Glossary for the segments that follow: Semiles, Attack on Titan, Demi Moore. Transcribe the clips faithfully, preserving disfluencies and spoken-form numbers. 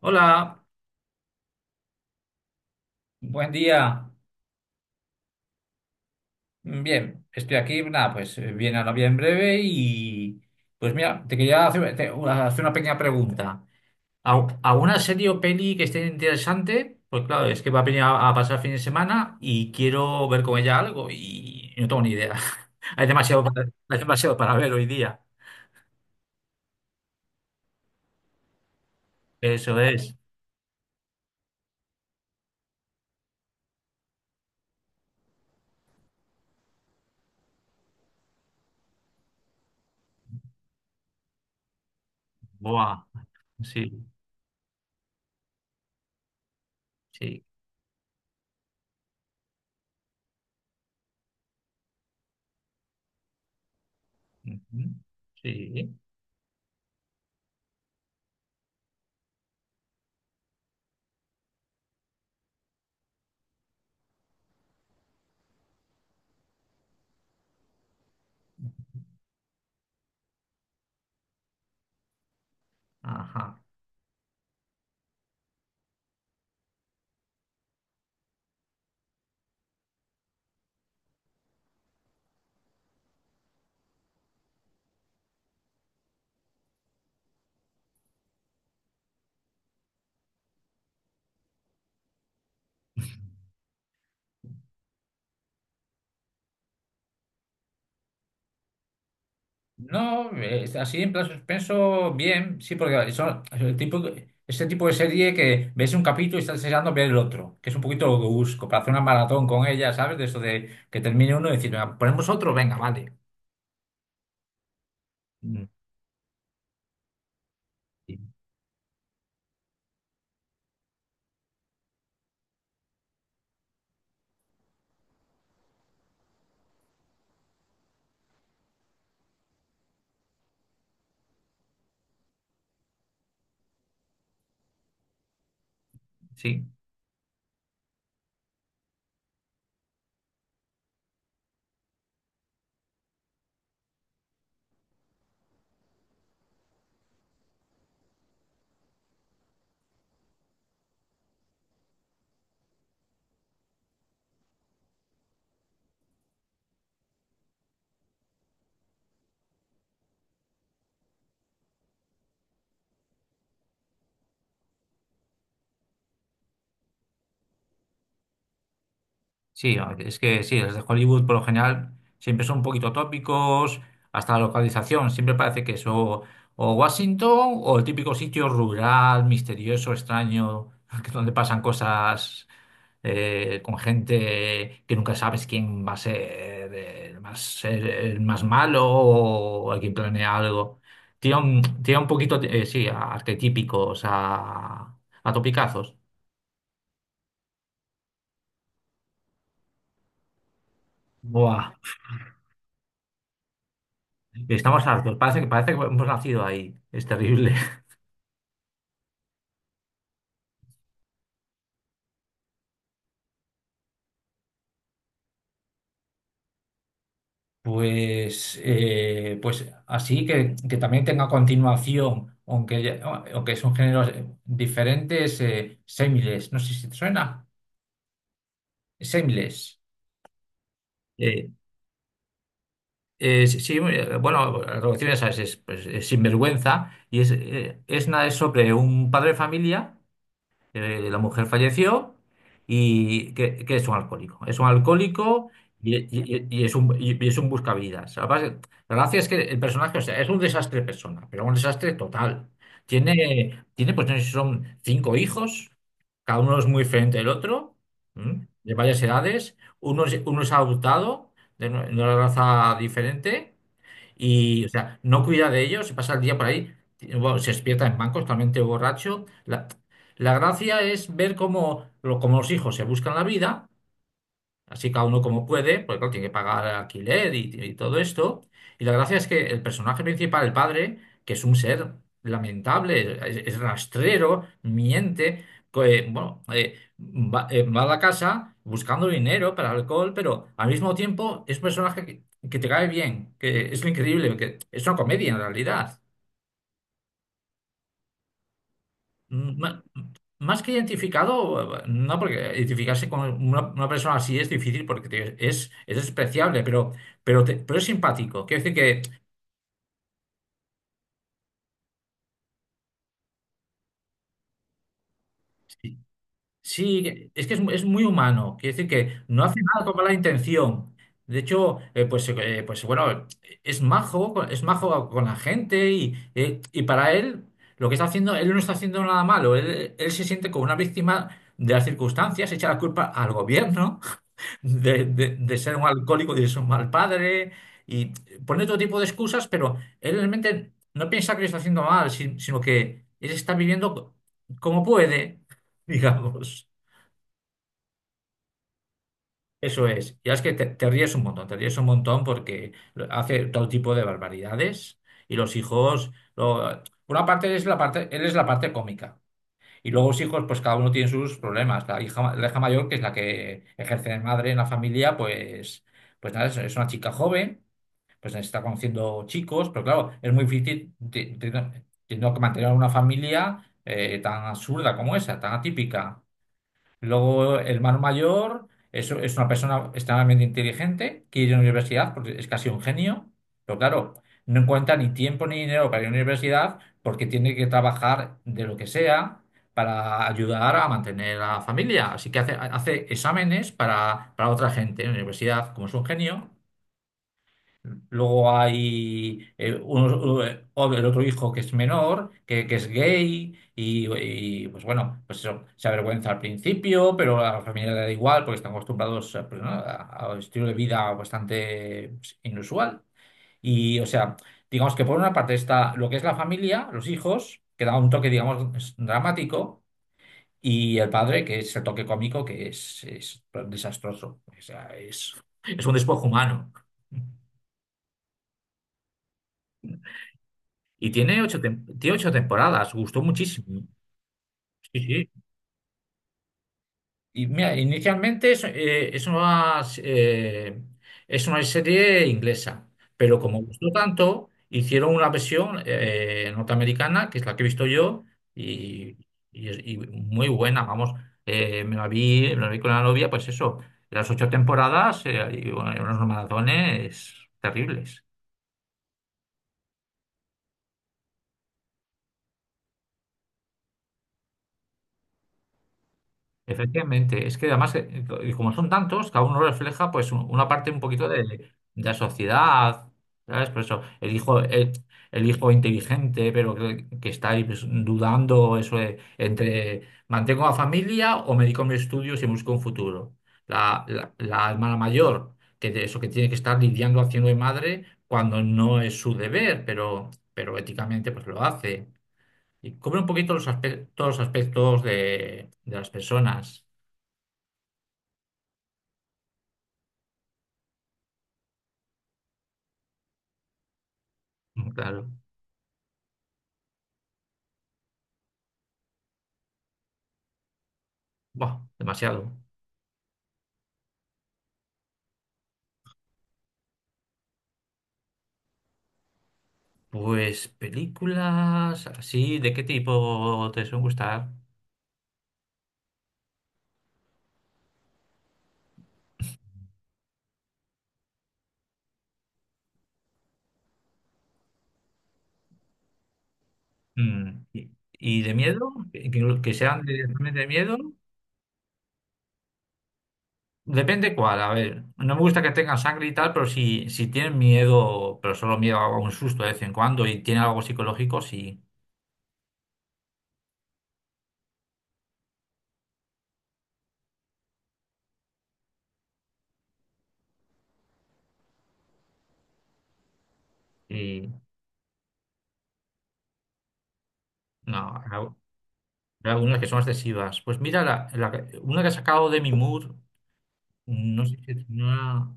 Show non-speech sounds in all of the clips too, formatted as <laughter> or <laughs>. Hola, buen día. Bien, estoy aquí, nada, pues eh, viene a la en breve y pues mira, te quería hacer, te- una hacer una pequeña pregunta. ¿Al- ¿Alguna serie o peli que esté interesante? Pues claro, es que va a venir a, a pasar fin de semana y quiero ver con ella algo y, y no tengo ni idea. <laughs> Hay demasiado para, hay demasiado para ver hoy día. Eso es. Buah, sí, sí. Ujú, sí, ajá. No, eh, así en plan suspenso, bien, sí, porque son es el tipo, ese tipo de serie que ves un capítulo y estás deseando ver el otro, que es un poquito lo que busco, para hacer una maratón con ella, ¿sabes? De eso de que termine uno y decir: "Venga, ponemos otro, venga, vale." Mm, sí, sí. Sí, a- ver, es que sí, las de Hollywood por lo general siempre son un poquito tópicos, hasta la localización, siempre parece que es o, o Washington o el típico sitio rural, misterioso, extraño, <laughs> que donde pasan cosas eh, con gente que nunca sabes quién va a ser el más, el- el más malo o el que planea algo. Tiene un, tiene un poquito, eh, sí, a arquetípicos, a, a topicazos. Buah. Estamos hartos, parece que, parece que hemos nacido ahí. Es terrible. Pues, eh, pues así que, que también tenga continuación, aunque, ya- aunque son géneros eh, diferentes, eh, Semiles, no sé si te suena, Semiles. Eh, eh, sí, eh, bueno, la traducción ya sabes, es, pues, es sinvergüenza y es, eh, es nada, es sobre un padre de familia. Eh, la mujer falleció y que, que es un alcohólico. Es un alcohólico y, y- y es un, y, es un buscavidas. Además, la gracia es que el personaje, o sea, es un desastre persona, pero un desastre total. Tiene, tiene pues no sé si son cinco hijos, cada uno es muy diferente del otro, ¿m? De varias edades. Uno es, uno es adoptado de una de una raza diferente. Y, o sea, no cuida de ellos, se pasa el día por ahí, y, bueno, se despierta en bancos, totalmente borracho. La, la gracia es ver cómo, lo- cómo los hijos se buscan la vida, así cada uno como puede, porque claro, tiene que pagar alquiler y, y todo esto. Y la gracia es que el personaje principal, el padre, que es un ser lamentable, es, es rastrero, miente, co- eh, bueno, eh, va, eh, va a la casa buscando dinero para alcohol, pero al mismo tiempo es un personaje que, que te cae bien, que es lo increíble, que es una comedia en realidad. Mm, Ma- más que identificado, no, porque identificarse con una, una persona así es difícil porque te- es, es despreciable, pero, pero, te- pero es simpático. Quiero decir que sí, sí, que- es que es, mu- es muy humano. Quiero decir que no hace nada con mala intención. De hecho, eh, pues, eh, pues bueno, es majo, con- es majo con la gente y, eh, y para él lo que está haciendo, él no está haciendo nada malo. Él, él se siente como una víctima de las circunstancias, echa la culpa al gobierno de, de- de ser un alcohólico, de ser un mal padre, y pone todo tipo de excusas, pero él realmente no piensa que lo está haciendo mal, si- sino que él está viviendo como puede, <laughs> digamos. Eso es. Y es que te, te ríes un montón, te ríes un montón porque lo- hace todo tipo de barbaridades y los hijos... lo- por una parte es la parte, él es la parte cómica. Y luego los hijos, pues cada uno tiene sus problemas. La hija, la hija mayor, que es la que ejerce de madre en la familia, pues, pues nada, es, es una chica joven, pues está conociendo chicos, pero claro, es muy difícil te- te- teniendo que mantener una familia eh, tan absurda como esa, tan atípica. Luego, el hermano mayor es, es una persona extremadamente inteligente, quiere ir a la universidad porque es casi un genio, pero claro, no encuentra ni tiempo ni dinero para ir a la universidad porque tiene que trabajar de lo que sea para ayudar a mantener a la familia. Así que hace, hace exámenes para, para otra gente en la universidad, como es un genio. Luego hay eh, unos- eh, o- el otro hijo que es menor, que, que es gay, y, y, pues bueno, pues eso, se avergüenza al principio, pero a la familia le da igual porque están acostumbrados a, pues, ¿no? a- a un estilo de vida bastante pues, inusual. Y o sea, digamos que por una parte está lo que es la familia, los hijos, que da un toque, digamos, dramático, y el padre, que es el toque cómico, que es, es desastroso. O sea, es, es un despojo humano. Y tiene ocho, tem- tiene ocho temporadas, gustó muchísimo. Sí, sí. Y mira, inicialmente es, eh, es una, eh, es una serie inglesa, pero como gustó tanto, hicieron una versión eh, norteamericana, que es la que he visto yo, y, y es- y muy buena, vamos. Eh, me la vi, me la vi con la novia, pues eso, las ocho temporadas eh, y bueno, y unos maratones terribles. Efectivamente, es que además, eh, co- y como son tantos, cada uno refleja pues un- una parte un poquito de, de la sociedad, ¿sabes? Por eso, el hijo, el, el hijo inteligente, pero que, que está ahí pues, dudando eso de, entre mantengo la familia o me dedico a mis estudios y busco un futuro. La, la, la hermana mayor, que de eso que tiene que estar lidiando haciendo de madre cuando no es su deber, pero, pero éticamente pues lo hace. Y cubre un poquito los aspectos, todos los aspectos de de las personas. Mm, claro. Buah, demasiado. Pues películas así, ¿de qué tipo te suelen gustar? Mm, ¿Y, y de miedo? ¿Que, que- que sean de, realmente de miedo? Depende cuál, a ver. No me gusta que tengan sangre y tal, pero si, si tienen miedo, pero solo miedo a un susto de vez en cuando y tiene algo psicológico, sí. Y no, hay al- hay algunas que son excesivas. Pues mira, la, la que- una que ha sacado Demi Moore, no sé si es una.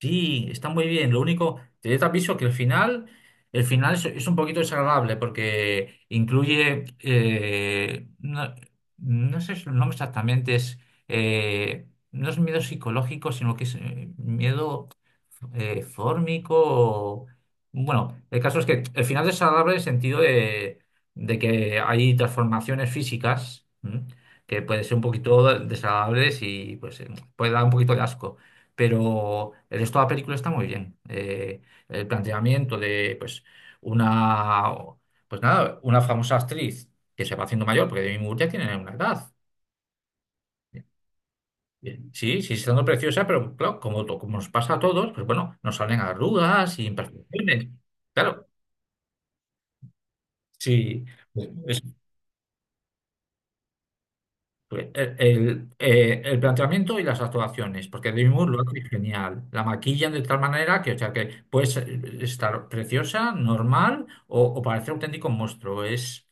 Sí, está muy bien. Lo único, te te aviso que el final, el final es, es un poquito desagradable porque incluye, eh, no, no sé su nombre exactamente, es, eh, no es miedo psicológico, sino que es eh, miedo eh, fórmico. o- Bueno, el caso es que el final es desagradable en el sentido de, de que hay transformaciones físicas, ¿m? Que pueden ser un poquito desagradables y pues eh, puede dar un poquito de asco, pero el resto de la película está muy bien. Eh, el planteamiento de, pues, una, pues nada, una famosa actriz que se va haciendo mayor, porque Demi Moore ya tiene una edad. Bien, sí, sí, siendo preciosa, pero claro, como, to- como nos pasa a todos, pues bueno, nos salen arrugas y imperfecciones. Claro, sí. El, el- eh, el planteamiento y las actuaciones, porque Demi Moore lo hace genial. La maquillan de tal manera que, o sea, que puedes estar preciosa, normal o, o parecer auténtico monstruo. Es,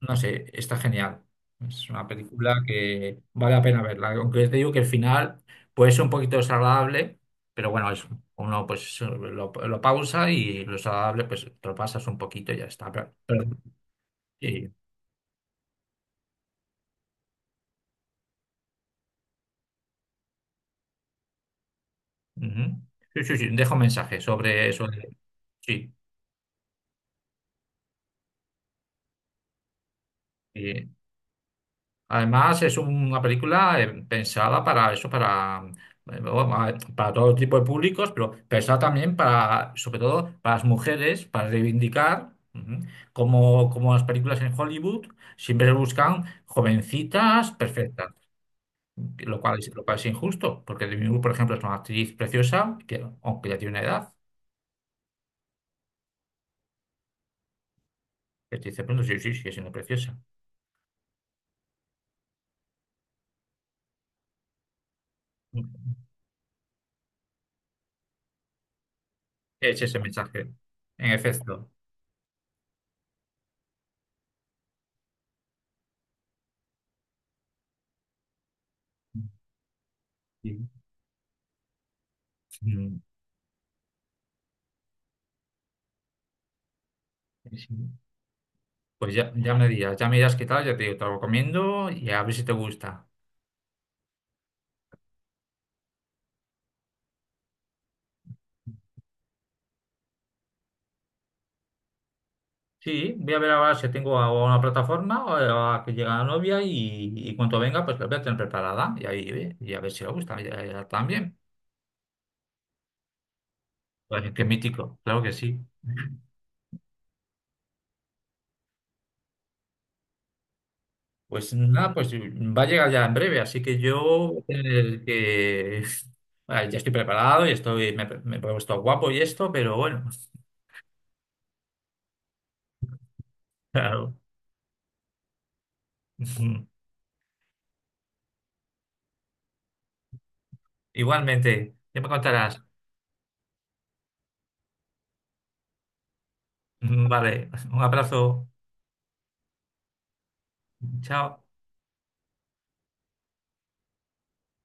no sé, está genial. Es una película que vale la pena verla. Aunque te digo que el final puede ser un poquito desagradable, pero bueno, es, uno pues lo, lo pausa y lo desagradable pues te lo pasas un poquito y ya está. Pero, pero- sí, ujú. Sí, sí, sí, dejo mensaje sobre eso. Sí. Sí. Además, es una película eh, pensada para eso, para, eh, bueno, a para todo tipo de públicos, pero pensada también para, sobre todo, para las mujeres, para reivindicar, ujú, como, como las películas en Hollywood siempre buscan jovencitas perfectas, lo cual es, lo cual es injusto, porque Demi Moore, por ejemplo, es una actriz preciosa, que, aunque ya tiene una edad, que te dice, bueno, sí, sí, sigue siendo preciosa. Ujú. Es ese mensaje, en efecto. Sí. Mm, sí. Pues ya, ya me dirás, ya me dirás qué tal, ya te digo, te lo recomiendo y a ver si te gusta. Sí, voy a ver ahora si tengo a una plataforma o a que llega la novia y, y cuando venga, pues la voy a tener preparada y ahí ve, y a ver si le gusta ya- ya también. Pues, qué mítico, claro que sí. Pues nada, pues va a llegar ya en breve, así que yo voy a tener que... <laughs> Bueno, ya estoy preparado y estoy, me, me he puesto guapo y esto, pero bueno, <laughs> claro. <laughs> Igualmente, ya me contarás. <laughs> Vale, un abrazo, chao.